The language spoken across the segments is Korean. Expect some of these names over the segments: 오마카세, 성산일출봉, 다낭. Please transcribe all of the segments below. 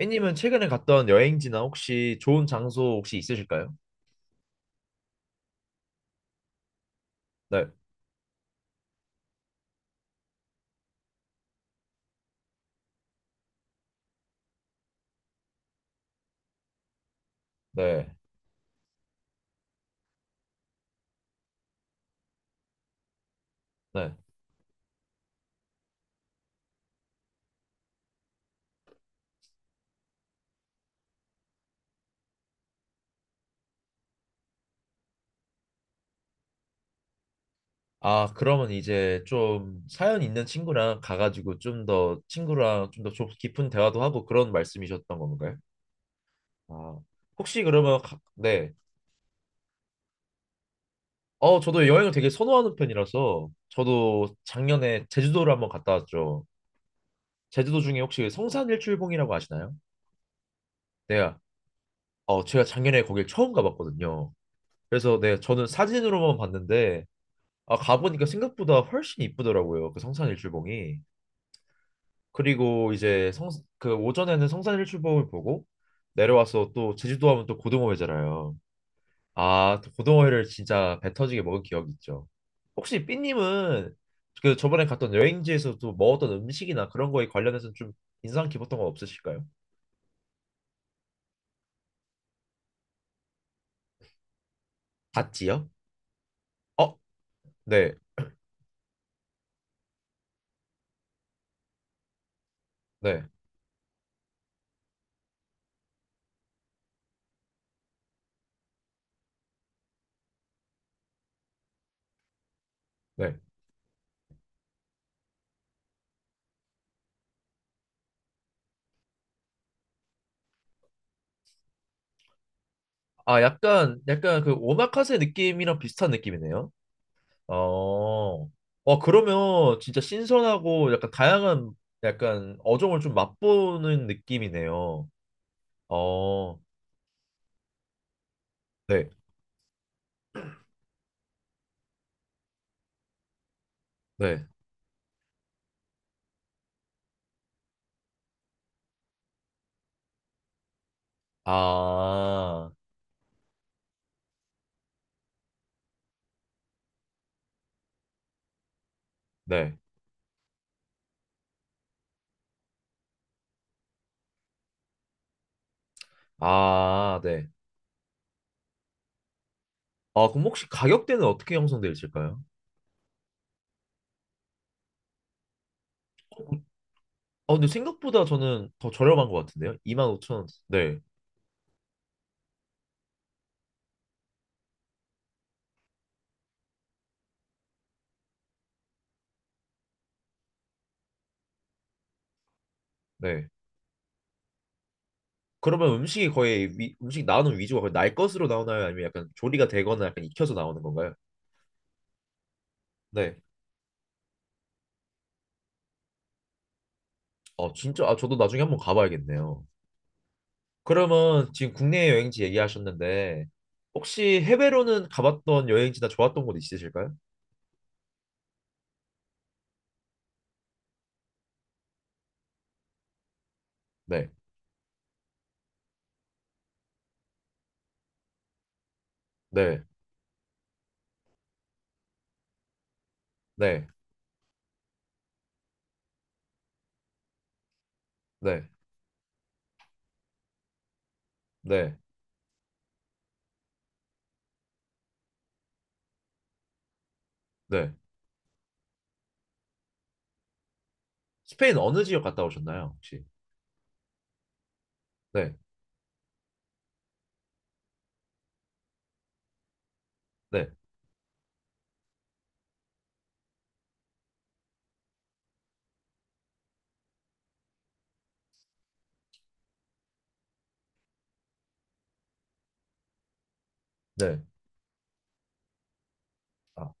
A님은 최근에 갔던 여행지나 혹시 좋은 장소 혹시 있으실까요? 네, 네, 네. 아, 그러면 이제 좀 사연 있는 친구랑 가가지고 좀 더 친구랑 좀 더 깊은 대화도 하고 그런 말씀이셨던 건가요? 아, 혹시 그러면 가- 네. 어, 저도 여행을 되게 선호하는 편이라서 저도 작년에 제주도를 한번 갔다 왔죠. 제주도 중에 혹시 성산일출봉이라고 아시나요? 네, 어, 제가 작년에 거길 처음 가봤거든요. 그래서 네, 저는 사진으로만 봤는데 아, 가보니까 생각보다 훨씬 이쁘더라고요. 그 성산일출봉이. 그리고 이제 성, 그 오전에는 성산일출봉을 보고 내려와서 또 제주도 하면 또 고등어 회잖아요. 아, 또 고등어 회를 진짜 배 터지게 먹은 기억이 있죠. 혹시 삐님은 그 저번에 갔던 여행지에서 도 먹었던 음식이나 그런 거에 관련해서 좀 인상 깊었던 거 없으실까요? 닷지요? 어, 네, 네, 네. 아, 약간, 약간 그 오마카세 느낌이랑 비슷한 느낌이네요. 어, 와, 그러면 진짜 신선하고 약간 다양한 약간 어종을 좀 맛보는 느낌이네요. 어, 네, 네. 아, 네. 아, 네. 아, 그럼 혹시 가격대는 어떻게 형성되어 있을까요? 아, 근데 생각보다 저는 더 저렴한 것 같은데요? 25,000원. 네, 네. 그러면 음식이 거의 위, 음식 나오는 위주가 거의 날 것으로 나오나요? 아니면 약간 조리가 되거나 약간 익혀서 나오는 건가요? 네. 어, 진짜, 아, 저도 나중에 한번 가봐야겠네요. 그러면 지금 국내 여행지 얘기하셨는데 혹시 해외로는 가봤던 여행지나 좋았던 곳 있으실까요? 네, 네, 네, 네, 네, 네. 스페인 어느 지역 갔다 오셨나요, 혹시? 네, 네, 네. 아,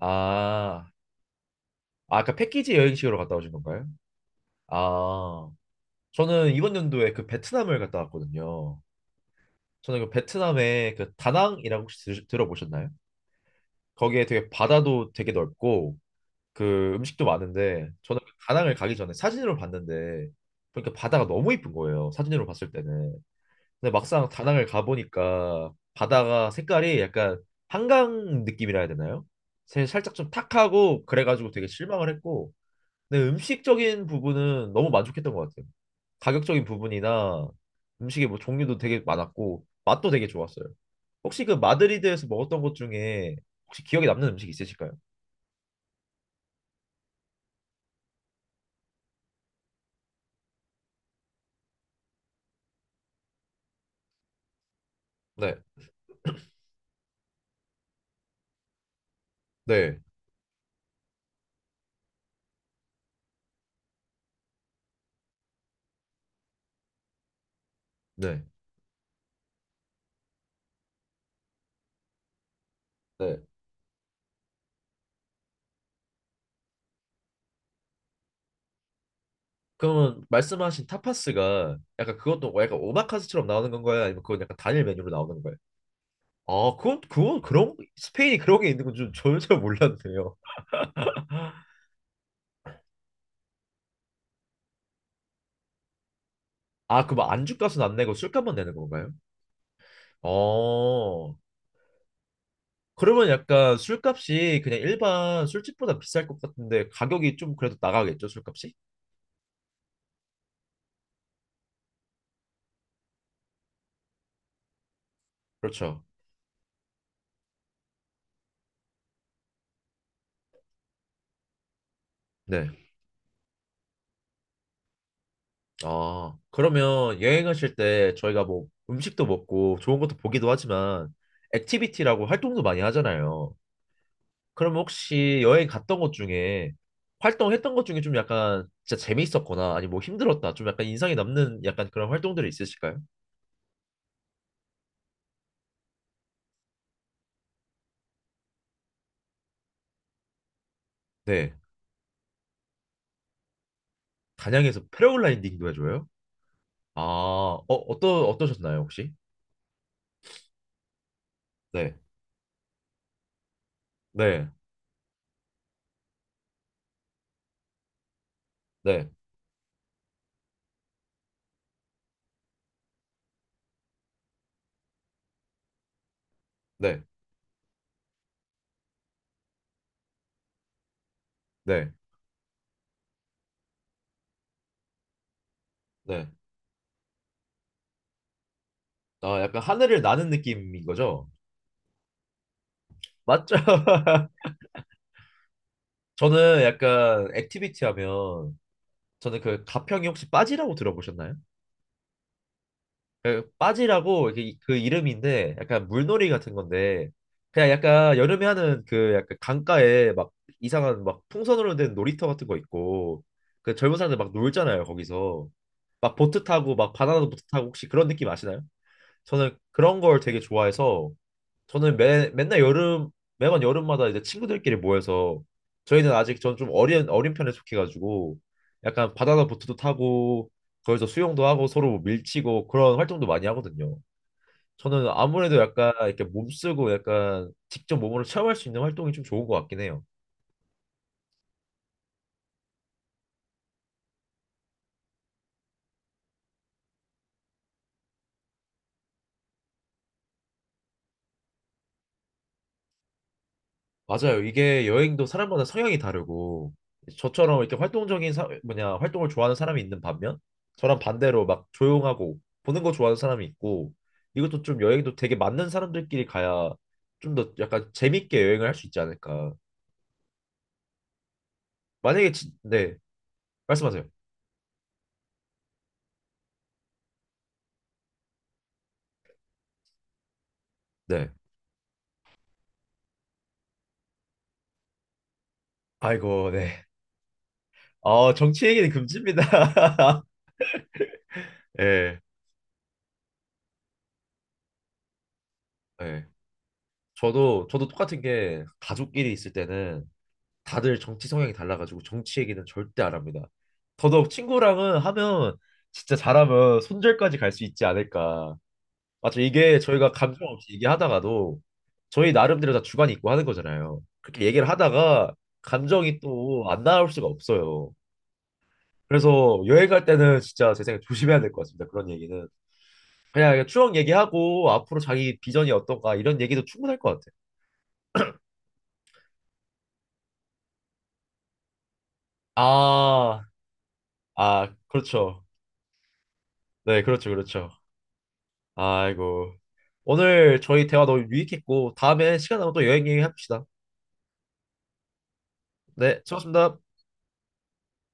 아, 아, 까 패키지 여행식으로 갔다 오신 건가요? 아, 저는 이번 연도에 그 베트남을 갔다 왔거든요. 저는 그 베트남의 그 다낭이라고 혹시 들, 들어보셨나요? 거기에 되게 바다도 되게 넓고 그 음식도 많은데 저는 다낭을 가기 전에 사진으로 봤는데 그러니까 바다가 너무 이쁜 거예요. 사진으로 봤을 때는. 근데 막상 다낭을 가보니까 바다가 색깔이 약간 한강 느낌이라 해야 되나요? 새- 살짝 좀 탁하고 그래가지고 되게 실망을 했고 근데 음식적인 부분은 너무 만족했던 것 같아요. 가격적인 부분이나 음식의 뭐 종류도 되게 많았고 맛도 되게 좋았어요. 혹시 그 마드리드에서 먹었던 것 중에 혹시 기억에 남는 음식 있으실까요? 네, 네, 네. 네. 그러면 말씀하신 타파스가 약간 그것도 약간 오마카세처럼 나오는 건가요? 아니면 그건 약간 단일 메뉴로 나오는 거예요? 아, 그건 그런 스페인이 그런 게 있는 건 좀 전혀 몰랐네요. 아, 그럼 안주값은 안 내고 술값만 내는 건가요? 어, 그러면 약간 술값이 그냥 일반 술집보다 비쌀 것 같은데 가격이 좀 그래도 나가겠죠, 술값이? 그렇죠. 네. 아, 그러면 여행하실 때 저희가 뭐 음식도 먹고 좋은 것도 보기도 하지만 액티비티라고 활동도 많이 하잖아요. 그럼 혹시 여행 갔던 것 중에 활동했던 것 중에 좀 약간 진짜 재미있었거나 아니 뭐 힘들었다 좀 약간 인상이 남는 약간 그런 활동들이 있으실까요? 네. 단양에서 패러글라이딩도 해줘요? 아, 어, 어떠, 어떠셨나요, 혹시? 네. 네. 네. 네. 네. 네. 아, 약간 하늘을 나는 느낌인 거죠? 맞죠? 저는 약간 액티비티 하면 저는 그 가평이 혹시 빠지라고 들어보셨나요? 그 빠지라고 이렇게 그 이름인데 약간 물놀이 같은 건데 그냥 약간 여름에 하는 그 약간 강가에 막 이상한 막 풍선으로 된 놀이터 같은 거 있고 그 젊은 사람들 막 놀잖아요 거기서 막 보트 타고 막 바나나 보트 타고 혹시 그런 느낌 아시나요? 저는 그런 걸 되게 좋아해서 저는 매, 맨날 여름 매번 여름마다 이제 친구들끼리 모여서 저희는 아직 전 좀 어린 편에 속해가지고 약간 바나나 보트도 타고 거기서 수영도 하고 서로 뭐 밀치고 그런 활동도 많이 하거든요. 저는 아무래도 약간 이렇게 몸쓰고 약간 직접 몸으로 체험할 수 있는 활동이 좀 좋은 것 같긴 해요. 맞아요. 이게 여행도 사람마다 성향이 다르고 저처럼 이렇게 활동적인 사, 뭐냐 활동을 좋아하는 사람이 있는 반면 저랑 반대로 막 조용하고 보는 거 좋아하는 사람이 있고 이것도 좀 여행도 되게 맞는 사람들끼리 가야 좀 더 약간 재밌게 여행을 할 수 있지 않을까. 만약에 진, 네 말씀하세요. 네. 아이고 네. 아 정치 얘기는 금지입니다. 예. 예. 저도 똑같은 게 가족끼리 있을 때는 다들 정치 성향이 달라가지고 정치 얘기는 절대 안 합니다. 더더욱 친구랑은 하면 진짜 잘하면 손절까지 갈 수 있지 않을까. 맞죠? 이게 저희가 감정 없이 얘기하다가도 저희 나름대로 다 주관이 있고 하는 거잖아요. 그렇게 얘기를 하다가 감정이 또 안 나올 수가 없어요. 그래서 여행 갈 때는 진짜 제 생각에 조심해야 될 것 같습니다. 그런 얘기는. 그냥 추억 얘기하고 앞으로 자기 비전이 어떤가 이런 얘기도 충분할 것 같아요. 아, 아, 그렇죠. 네, 그렇죠, 그렇죠. 아이고. 오늘 저희 대화 너무 유익했고, 다음에 시간 나면 또 여행 얘기합시다. 네, 수고하셨습니다.